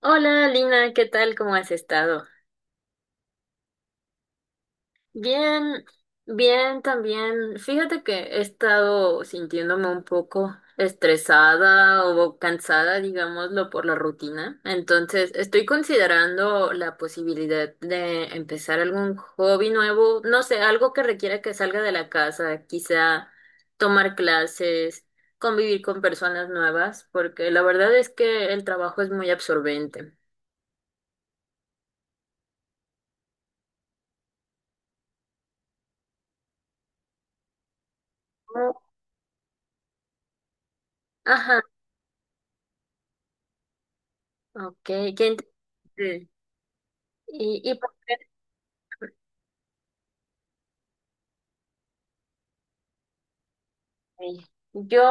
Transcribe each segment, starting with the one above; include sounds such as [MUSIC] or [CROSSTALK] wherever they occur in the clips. Hola Lina, ¿qué tal? ¿Cómo has estado? Bien, bien también. Fíjate que he estado sintiéndome un poco estresada o cansada, digámoslo, por la rutina. Entonces, estoy considerando la posibilidad de empezar algún hobby nuevo, no sé, algo que requiera que salga de la casa, quizá tomar clases, convivir con personas nuevas, porque la verdad es que el trabajo es muy absorbente. Ajá, ok, qué. Mm. Y pues, eh, yo,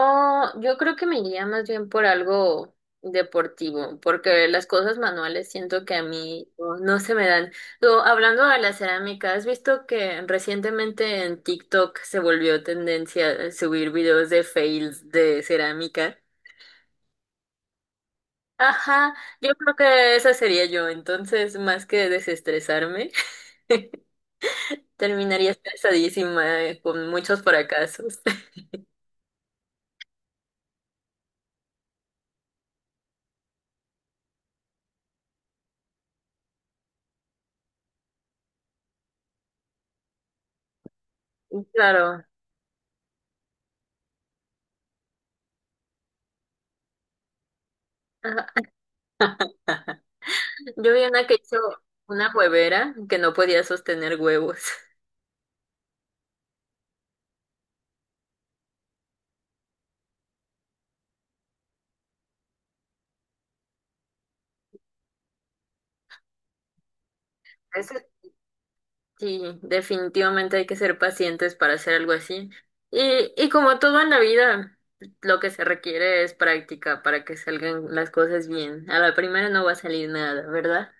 yo creo que me iría más bien por algo deportivo, porque las cosas manuales siento que a mí no se me dan. Hablando de la cerámica, ¿has visto que recientemente en TikTok se volvió tendencia subir videos de fails de cerámica? Ajá, yo creo que esa sería yo, entonces más que desestresarme, [LAUGHS] terminaría estresadísima con muchos fracasos. [LAUGHS] Claro. Ajá. Yo vi una que hizo una huevera que no podía sostener huevos. [LAUGHS] Eso sí, definitivamente hay que ser pacientes para hacer algo así. Y como todo en la vida, lo que se requiere es práctica para que salgan las cosas bien. A la primera no va a salir nada, ¿verdad?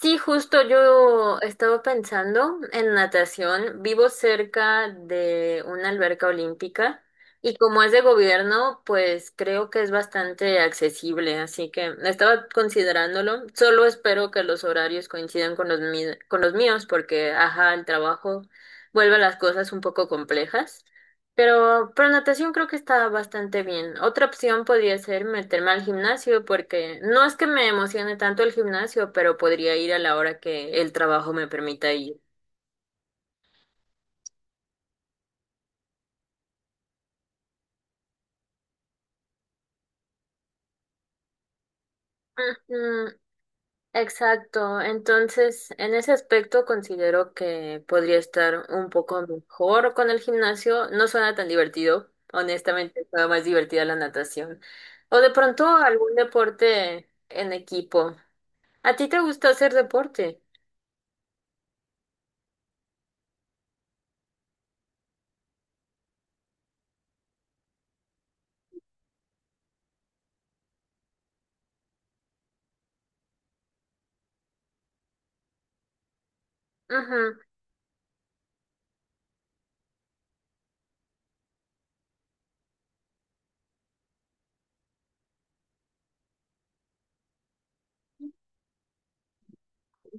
Sí, justo yo estaba pensando en natación. Vivo cerca de una alberca olímpica y como es de gobierno, pues creo que es bastante accesible, así que estaba considerándolo. Solo espero que los horarios coincidan con los con los míos porque, ajá, el trabajo vuelve las cosas un poco complejas. Pero natación creo que está bastante bien. Otra opción podría ser meterme al gimnasio porque no es que me emocione tanto el gimnasio, pero podría ir a la hora que el trabajo me permita ir. Ujú, exacto. Entonces, en ese aspecto considero que podría estar un poco mejor con el gimnasio. No suena tan divertido. Honestamente, suena más divertida la natación. O de pronto algún deporte en equipo. ¿A ti te gusta hacer deporte? Ujú.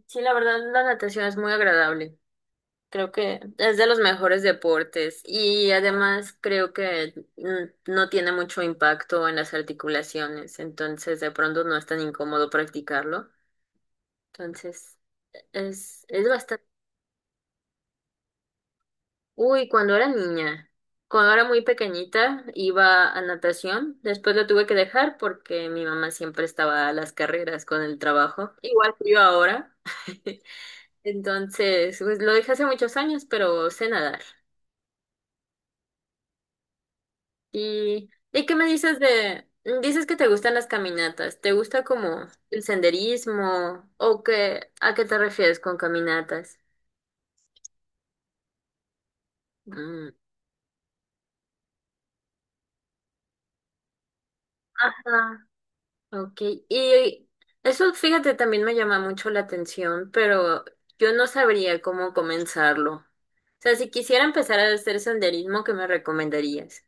Sí, la verdad, la natación es muy agradable. Creo que es de los mejores deportes y además creo que no tiene mucho impacto en las articulaciones, entonces de pronto no es tan incómodo practicarlo. Entonces, es bastante... Uy, cuando era niña, cuando era muy pequeñita, iba a natación, después lo tuve que dejar porque mi mamá siempre estaba a las carreras con el trabajo, igual que yo ahora. [LAUGHS] Entonces, pues lo dejé hace muchos años, pero sé nadar. ¿Y qué me dices de... Dices que te gustan las caminatas. ¿Te gusta como el senderismo? ¿O qué, a qué te refieres con caminatas? Mm. Ajá. Ok, y eso fíjate también me llama mucho la atención, pero yo no sabría cómo comenzarlo. O sea, si quisiera empezar a hacer senderismo, ¿qué me recomendarías?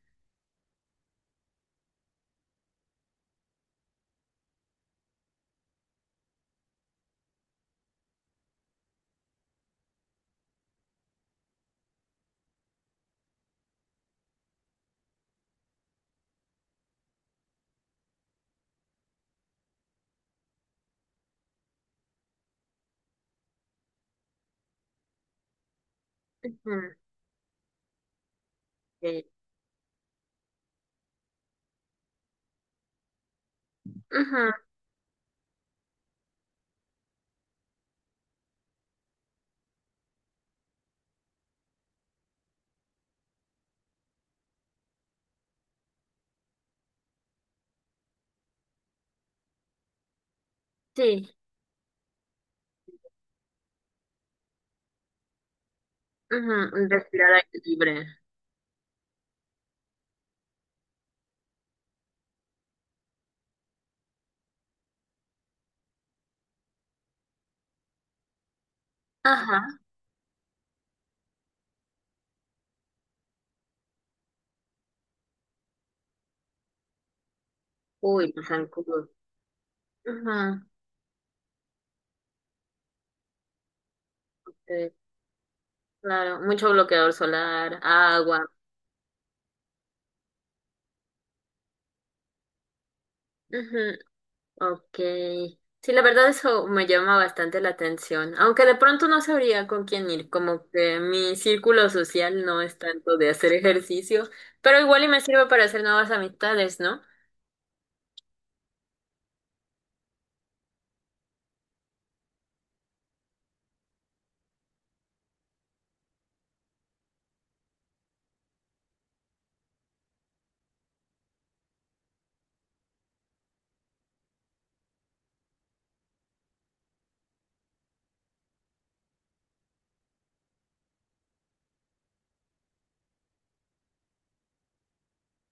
Ujú, ok. Ujú, sí, ujú, respirar aire libre. Ajá. Uy, los zancudos. Ujú, ok, claro, mucho bloqueador solar, agua. Ok. Sí, la verdad eso me llama bastante la atención, aunque de pronto no sabría con quién ir, como que mi círculo social no es tanto de hacer ejercicio, pero igual y me sirve para hacer nuevas amistades, ¿no?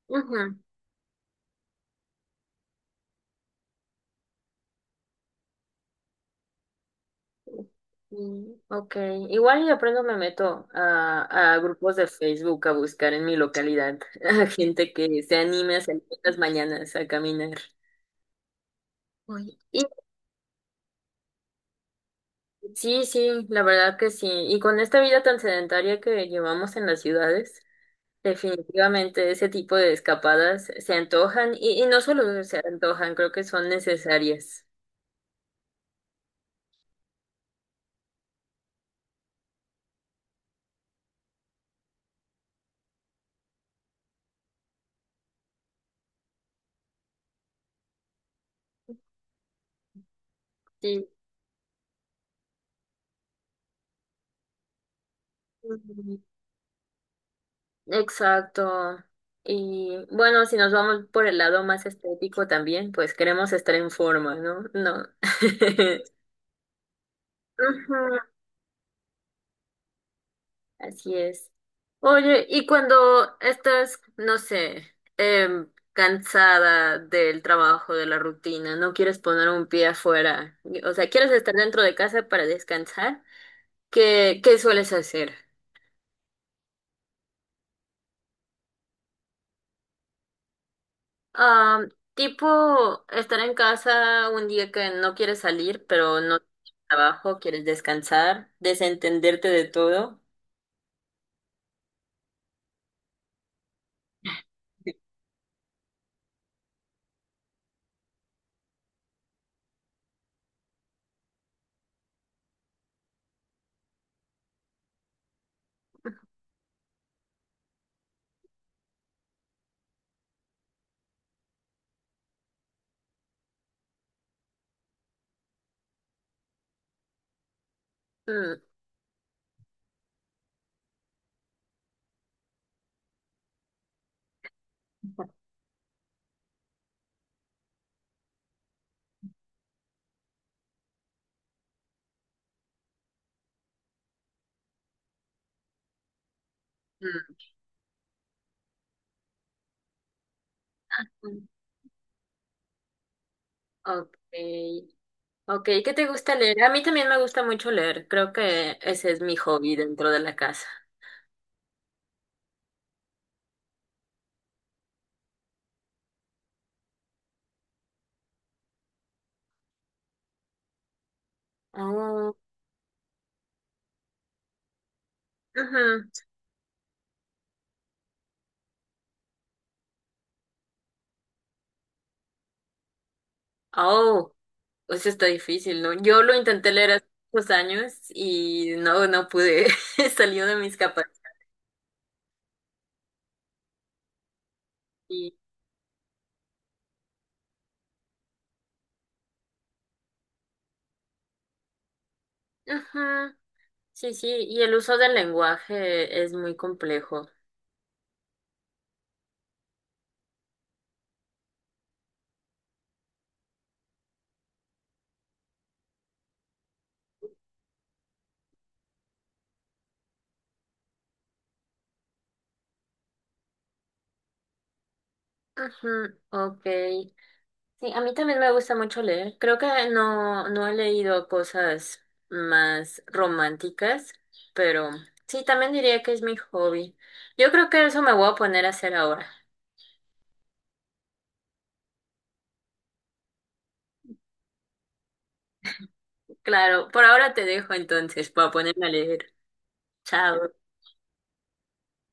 Ujú. Mm, ok, igual y de pronto me meto a grupos de Facebook a buscar en mi localidad [LAUGHS] a gente que se anime a salir en las mañanas a caminar. Uy. Y sí, sí, la verdad que sí. Y con esta vida tan sedentaria que llevamos en las ciudades. Definitivamente ese tipo de escapadas se antojan y no solo se antojan, creo que son necesarias. Sí, ujú, exacto. Y bueno, si nos vamos por el lado más estético también, pues queremos estar en forma, ¿no? No. [LAUGHS] Ujú, así es. Oye, y cuando estás, no sé, cansada del trabajo, de la rutina, no quieres poner un pie afuera, o sea, quieres estar dentro de casa para descansar, qué sueles hacer? Ah, tipo estar en casa un día que no quieres salir, pero no tienes trabajo, quieres descansar, desentenderte de todo. Mm, mm, Okay. Okay, ¿qué te gusta leer? A mí también me gusta mucho leer. Creo que ese es mi hobby dentro de la casa. Oh, ujú. Oh, pues eso está difícil, ¿no? Yo lo intenté leer hace muchos años y no pude. [LAUGHS] Salió de mis capacidades. Ujú. Sí, sí, y el uso del lenguaje es muy complejo. Ujú, ok. Sí, a mí también me gusta mucho leer. Creo que no he leído cosas más románticas, pero sí, también diría que es mi hobby. Yo creo que eso me voy a poner a hacer ahora. Claro, por ahora te dejo entonces, para ponerme a leer. Chao.